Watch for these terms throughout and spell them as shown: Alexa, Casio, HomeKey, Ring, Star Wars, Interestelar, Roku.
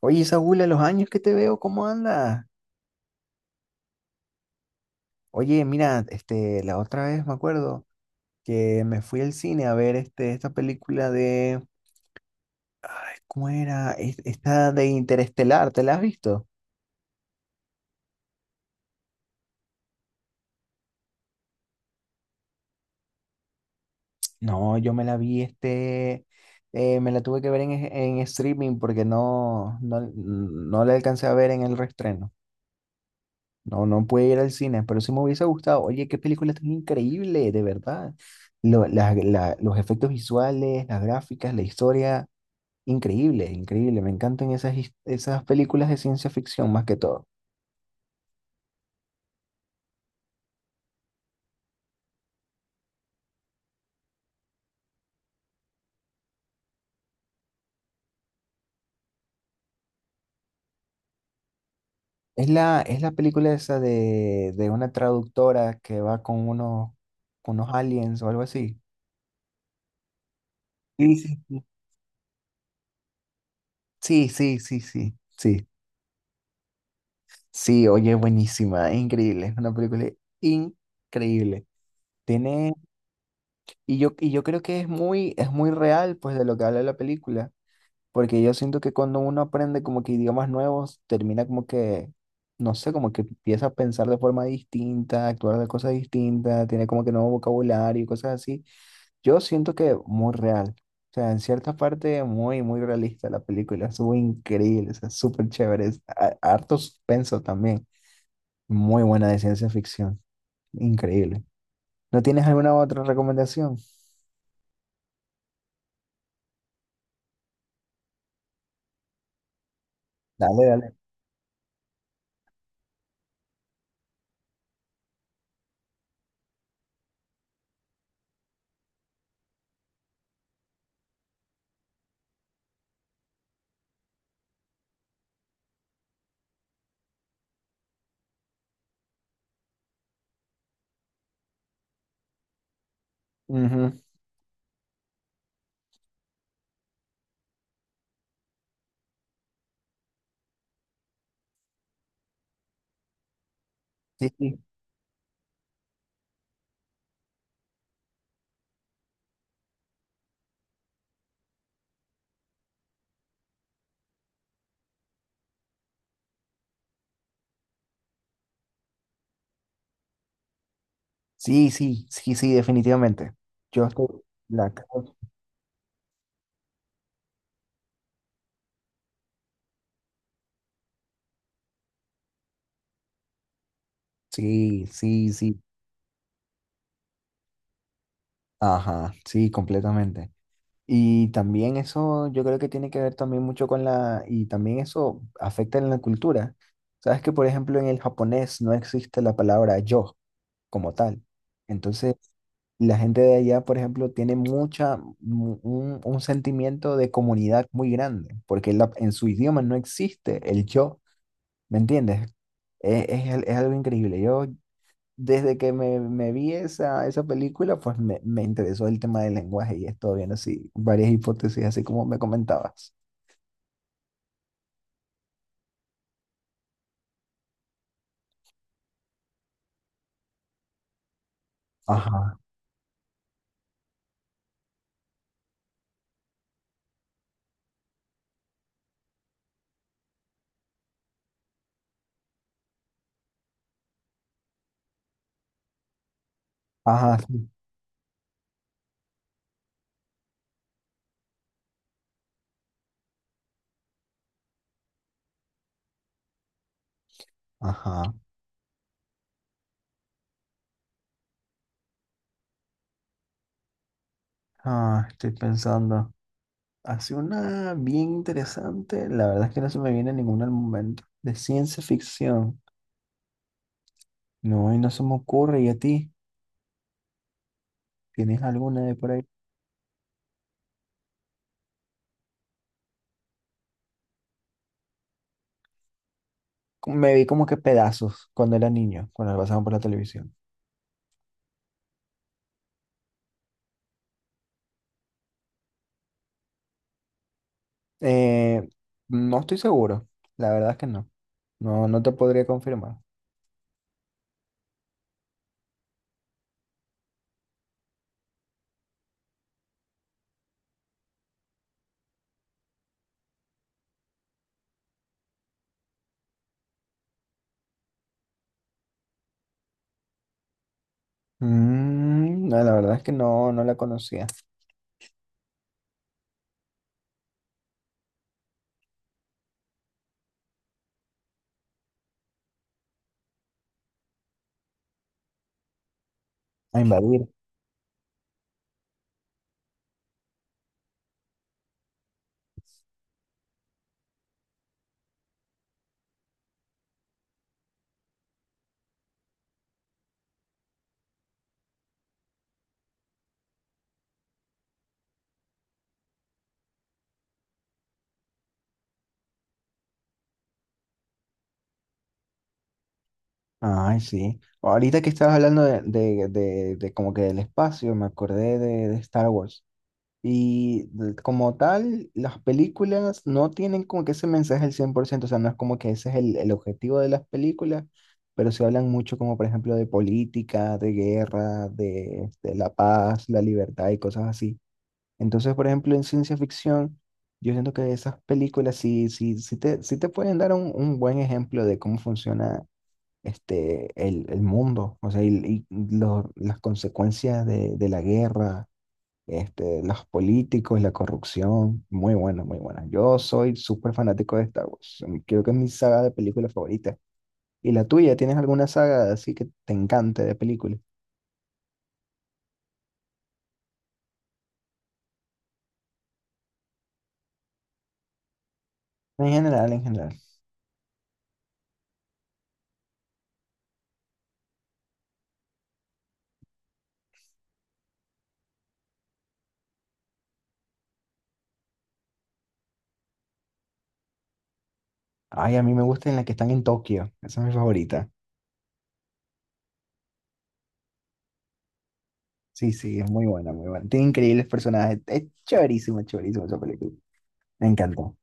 Oye, Saúl, a los años que te veo, ¿cómo andas? Oye, mira, la otra vez me acuerdo que me fui al cine a ver esta película de, ay, ¿cómo era? Esta de Interestelar, ¿te la has visto? No, yo me la vi, me la tuve que ver en streaming porque no la alcancé a ver en el reestreno. No, no pude ir al cine, pero sí me hubiese gustado. Oye, qué película tan increíble, de verdad. Los efectos visuales, las gráficas, la historia. Increíble, increíble. Me encantan esas películas de ciencia ficción más que todo. Es la película esa de una traductora que va con unos aliens o algo así. Sí, sí, sí. Sí, sí, sí, sí, sí. Sí, oye, buenísima, increíble, es una película increíble. Tiene, y yo creo que es muy real, pues, de lo que habla la película. Porque yo siento que cuando uno aprende como que idiomas nuevos, termina como que, no sé, como que empieza a pensar de forma distinta, actuar de cosas distintas, tiene como que nuevo vocabulario y cosas así. Yo siento que muy real. O sea, en cierta parte muy, muy realista la película. Estuvo increíble, o sea, súper chévere. Harto suspenso también. Muy buena de ciencia ficción. Increíble. ¿No tienes alguna otra recomendación? Dale, dale. Ujú. Sí, sí. Sí, sí, sí, sí, definitivamente. Yo estoy la creo. Sí, sí, sí. Ajá, sí, completamente. Y también eso, yo creo que tiene que ver también mucho y también eso afecta en la cultura. Sabes que, por ejemplo, en el japonés no existe la palabra yo como tal. Entonces, la gente de allá, por ejemplo, tiene un sentimiento de comunidad muy grande, porque en su idioma no existe el yo. ¿Me entiendes? Es algo increíble. Yo, desde que me vi esa película, pues me interesó el tema del lenguaje y he estado viendo así varias hipótesis, así como me comentabas. Ajá, ajá, sí, ajá. Ah, estoy pensando. Hace una bien interesante, la verdad es que no se me viene ninguna al momento, de ciencia ficción. No, y no se me ocurre. ¿Y a ti? ¿Tienes alguna de por ahí? Me vi como que pedazos cuando era niño, cuando la pasaban por la televisión. Eh, no estoy seguro. La verdad es que no. No, no te podría confirmar. Mm, no, la verdad es que no, no la conocía. A invadir. Ay, sí. Ahorita que estabas hablando de como que del espacio, me acordé de Star Wars. Como tal, las películas no tienen como que ese mensaje al cien por ciento. O sea, no es como que ese es el objetivo de las películas, pero se hablan mucho como por ejemplo de política, de guerra, de la paz, la libertad y cosas así. Entonces, por ejemplo, en ciencia ficción, yo siento que esas películas sí te pueden dar un buen ejemplo de cómo funciona el mundo, o sea, y las consecuencias de la guerra, este, los políticos, la corrupción, muy buena, muy buena. Yo soy súper fanático de Star Wars, creo que es mi saga de películas favorita. ¿Y la tuya? ¿Tienes alguna saga así que te encante de películas? En general, en general. Ay, a mí me gusta en la que están en Tokio, esa es mi favorita. Sí, sí, es muy buena, muy buena. Tiene increíbles personajes. Es chéverísima, chéverísima esa película. Me encantó.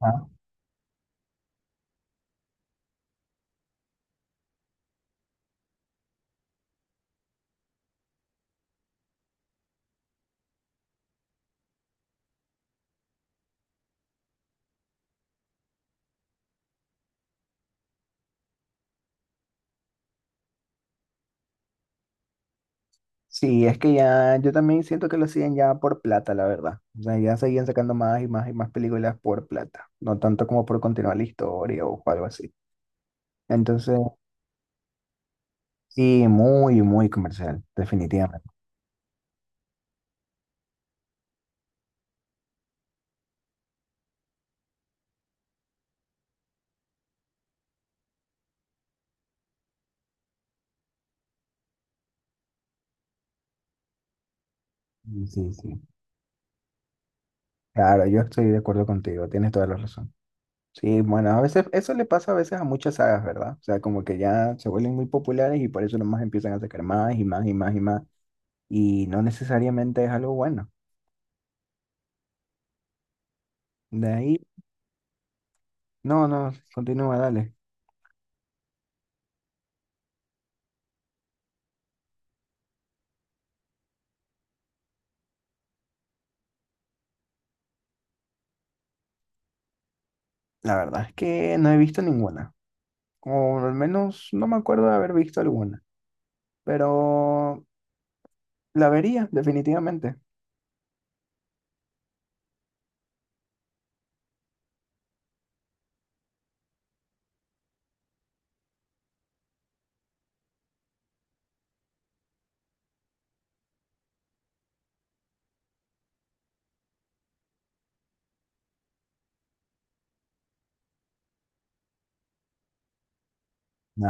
Ah. Sí, es que ya, yo también siento que lo hacían ya por plata, la verdad. O sea, ya seguían sacando más y más y más películas por plata. No tanto como por continuar la historia o algo así. Entonces, sí, muy, muy comercial, definitivamente. Sí, sí, sí. Claro, yo estoy de acuerdo contigo, tienes toda la razón. Sí, bueno, a veces eso le pasa a veces a muchas sagas, ¿verdad? O sea, como que ya se vuelven muy populares y por eso nomás empiezan a sacar más y más y más y más, y no necesariamente es algo bueno. De ahí, no, no, continúa, dale. La verdad es que no he visto ninguna, o al menos no me acuerdo de haber visto alguna, pero la vería definitivamente.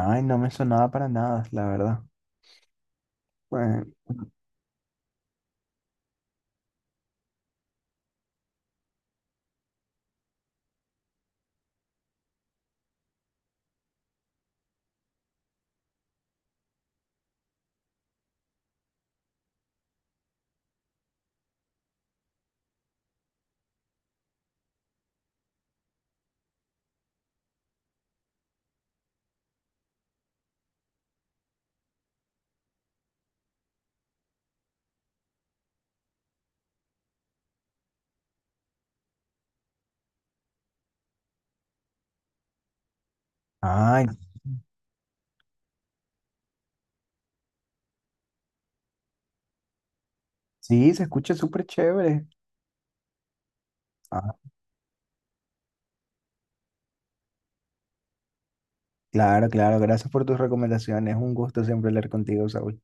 Ay, no me sonaba para nada, la verdad. Pues, ay, sí, se escucha súper chévere. Ah, claro, claro, gracias por tus recomendaciones. Un gusto siempre hablar contigo, Saúl.